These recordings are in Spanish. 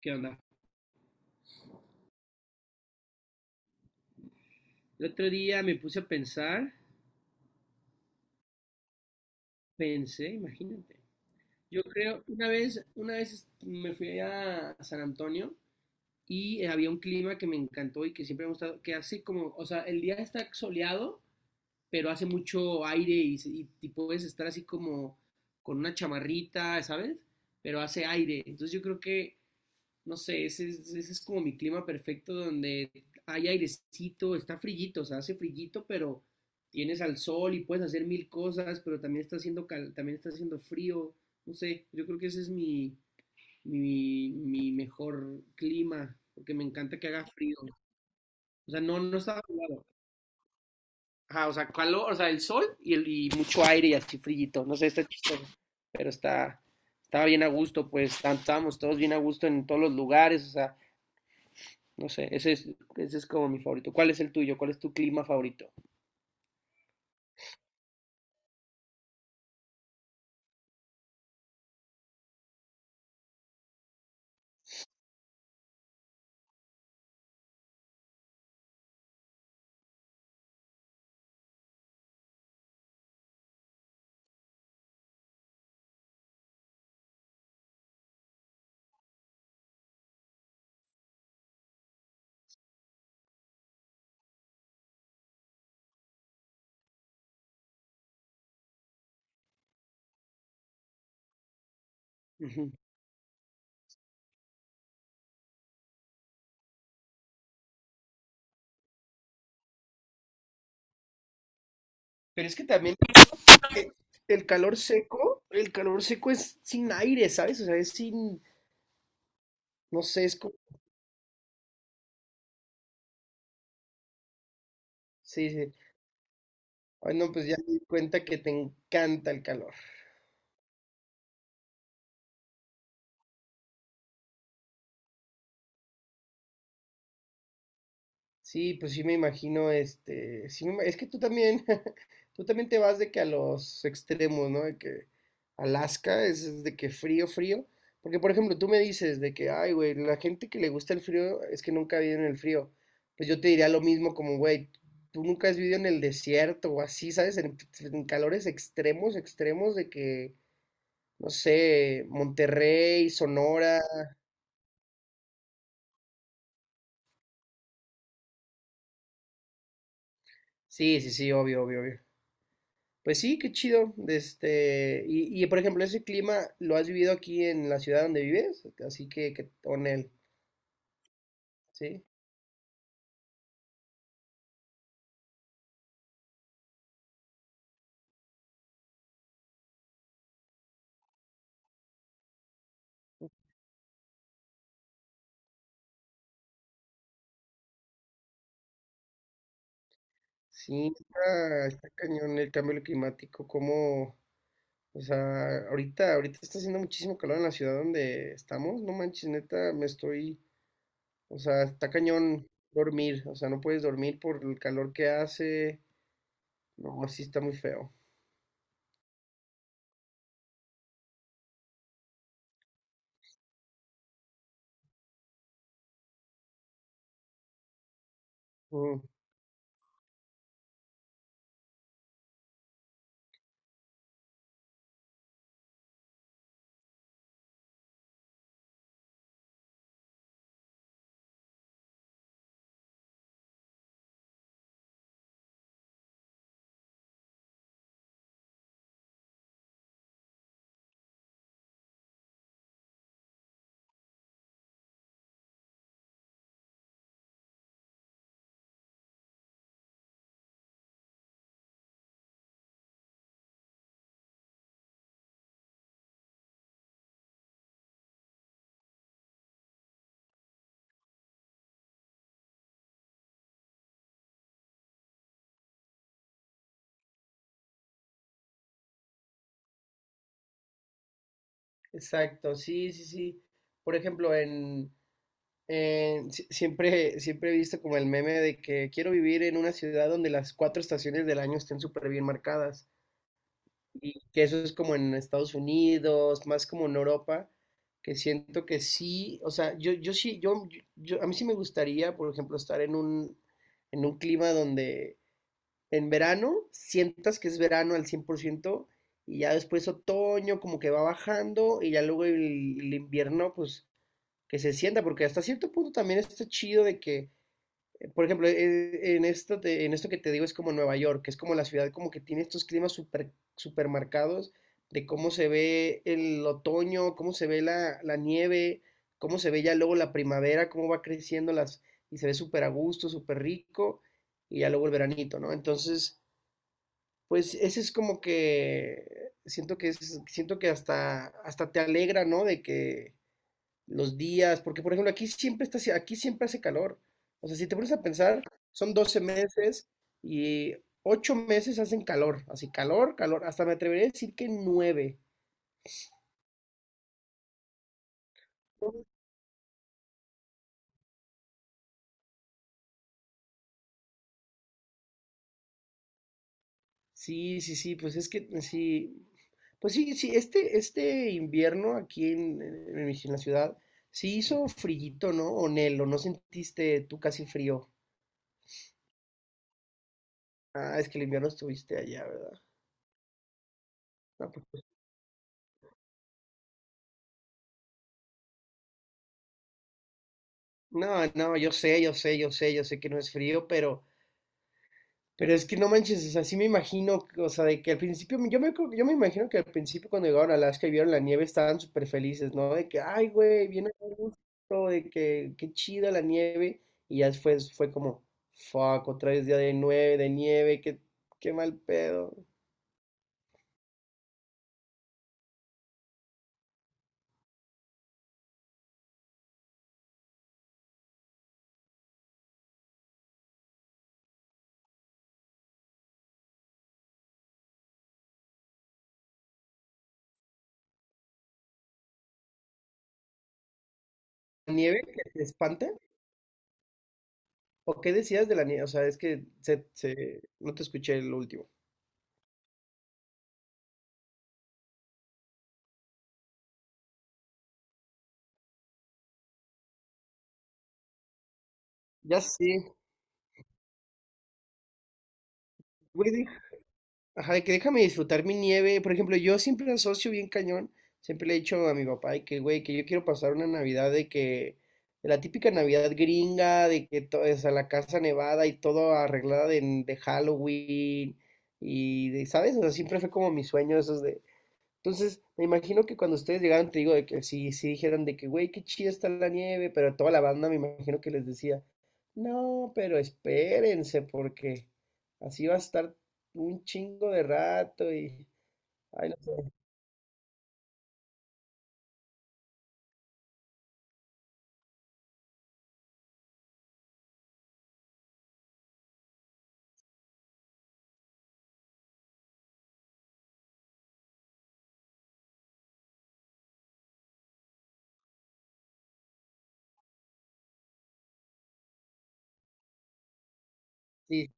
¿Qué onda? El otro día me puse a pensar, pensé, imagínate. Yo creo, una vez me fui a San Antonio y había un clima que me encantó y que siempre me ha gustado, que hace como, o sea, el día está soleado, pero hace mucho aire y puedes estar así como con una chamarrita, ¿sabes? Pero hace aire. Entonces yo creo que no sé, ese es como mi clima perfecto donde hay airecito, está frillito, o sea, hace frillito, pero tienes al sol y puedes hacer mil cosas, pero también está haciendo frío, no sé, yo creo que ese es mi mejor clima, porque me encanta que haga frío. O sea, no, no está nublado. Ajá, o sea, calor, o sea, el sol y mucho aire y así frillito, no sé, está chistoso, pero estaba bien a gusto, pues, estábamos todos bien a gusto en todos los lugares, o sea, no sé, ese es como mi favorito. ¿Cuál es el tuyo? ¿Cuál es tu clima favorito? Ujú. Pero es que también eh, el calor seco es sin aire, ¿sabes? O sea, es sin, no sé, es como, sí, sí. Ay, no, pues ya me di cuenta que te encanta el calor. Sí, pues sí me imagino, es que tú también, tú también te vas de que a los extremos, ¿no? De que Alaska es de que frío, frío, porque por ejemplo tú me dices de que, ay, güey, la gente que le gusta el frío es que nunca ha vivido en el frío, pues yo te diría lo mismo como, güey, tú nunca has vivido en el desierto o así, ¿sabes? En calores extremos, extremos de que, no sé, Monterrey, Sonora, sí, sí, sí, obvio, obvio, obvio. Pues sí, qué chido. Por ejemplo, ese clima lo has vivido aquí en la ciudad donde vives, así que con él, ¿sí? Sí, está cañón el cambio climático, como, o sea, ahorita está haciendo muchísimo calor en la ciudad donde estamos, no manches, neta, o sea, está cañón dormir, o sea, no puedes dormir por el calor que hace, no, así está muy feo. Mm, exacto, sí, sí, sí. Por ejemplo. En si- Siempre, siempre he visto como el meme de que quiero vivir en una ciudad donde las cuatro estaciones del año estén súper bien marcadas. Y que eso es como en Estados Unidos, más como en Europa, que siento que sí, o sea, yo sí, a mí sí me gustaría, por ejemplo, estar en un clima donde en verano sientas que es verano al 100% y ya después otoño como que va bajando y ya luego el invierno pues que se sienta, porque hasta cierto punto también está chido de que, por ejemplo, en esto que te digo es como Nueva York, que es como la ciudad como que tiene estos climas super, super marcados de cómo se ve el otoño, cómo se ve la nieve, cómo se ve ya luego la primavera, cómo va creciendo las, y se ve súper a gusto, súper rico, y ya luego el veranito, ¿no? Entonces, pues ese es como que siento que hasta te alegra, ¿no? De que los días, porque por ejemplo aquí siempre hace calor. O sea, si te pones a pensar, son 12 meses y 8 meses hacen calor, así calor, calor, hasta me atrevería a decir que 9. Sí, sí, sí, pues es que sí, pues sí, sí, este invierno aquí en la ciudad, sí hizo frillito, ¿no? O Nelo, ¿no sentiste tú casi frío? Ah, es que el invierno estuviste allá, ¿verdad? No, pues, no, no, yo sé, yo sé, yo sé, yo sé que no es frío, pero es que no manches, o sea, sí me imagino, o sea, de que al principio, yo me imagino que al principio cuando llegaron a Alaska y vieron la nieve estaban súper felices, ¿no? De que, ay, güey, viene a gusto, de que, qué chida la nieve. Y ya fue como, fuck, otra vez día de nieve, qué mal pedo. ¿La nieve que te espanta? ¿O qué decías de la nieve? O sea, es que no te escuché el último. Ya sí, güey, ajá, de que déjame disfrutar mi nieve. Por ejemplo, yo siempre asocio bien cañón. Siempre le he dicho a mi papá de que, güey, que yo quiero pasar una Navidad de la típica Navidad gringa, de que todo es a la casa nevada y todo arreglada de Halloween. Y de, ¿sabes? O sea, siempre fue como mi sueño esos entonces, me imagino que cuando ustedes llegaron, te digo, de que si dijeran de que, güey, qué chida está la nieve, pero toda la banda me imagino que les decía, no, pero espérense, porque así va a estar un chingo de rato y, ay, no sé, sí,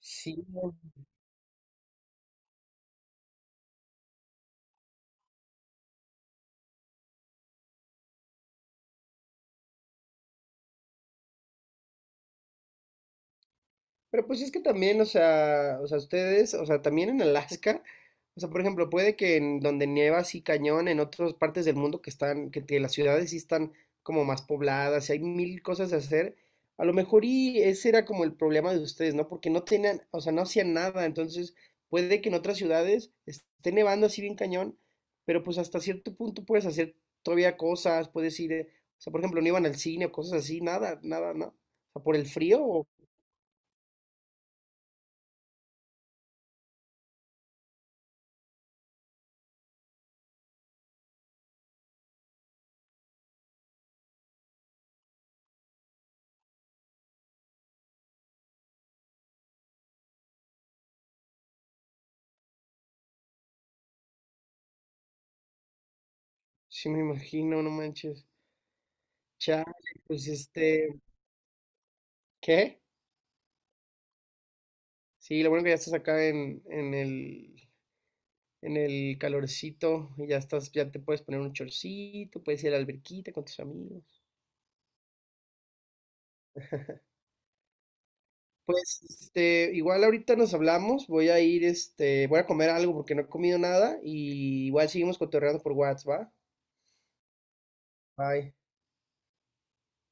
sí, ¿no? Pero pues es que también, o sea, ustedes, o sea, también en Alaska, o sea, por ejemplo, puede que en donde nieva así cañón, en otras partes del mundo que las ciudades sí están como más pobladas, y hay mil cosas a hacer, a lo mejor y ese era como el problema de ustedes, ¿no? Porque no tenían, o sea, no hacían nada, entonces puede que en otras ciudades esté nevando así bien cañón, pero pues hasta cierto punto puedes hacer todavía cosas, puedes ir, o sea, por ejemplo, no iban al cine o cosas así, nada, nada, ¿no? O sea, por el frío. Sí, me imagino, no manches. Chale, pues ¿qué? Sí, lo bueno que ya estás acá en el calorcito, y ya te puedes poner un chorcito, puedes ir a la alberquita con tus amigos. Pues, igual ahorita nos hablamos, voy a comer algo porque no he comido nada, y igual seguimos cotorreando por WhatsApp, ¿va? Bye.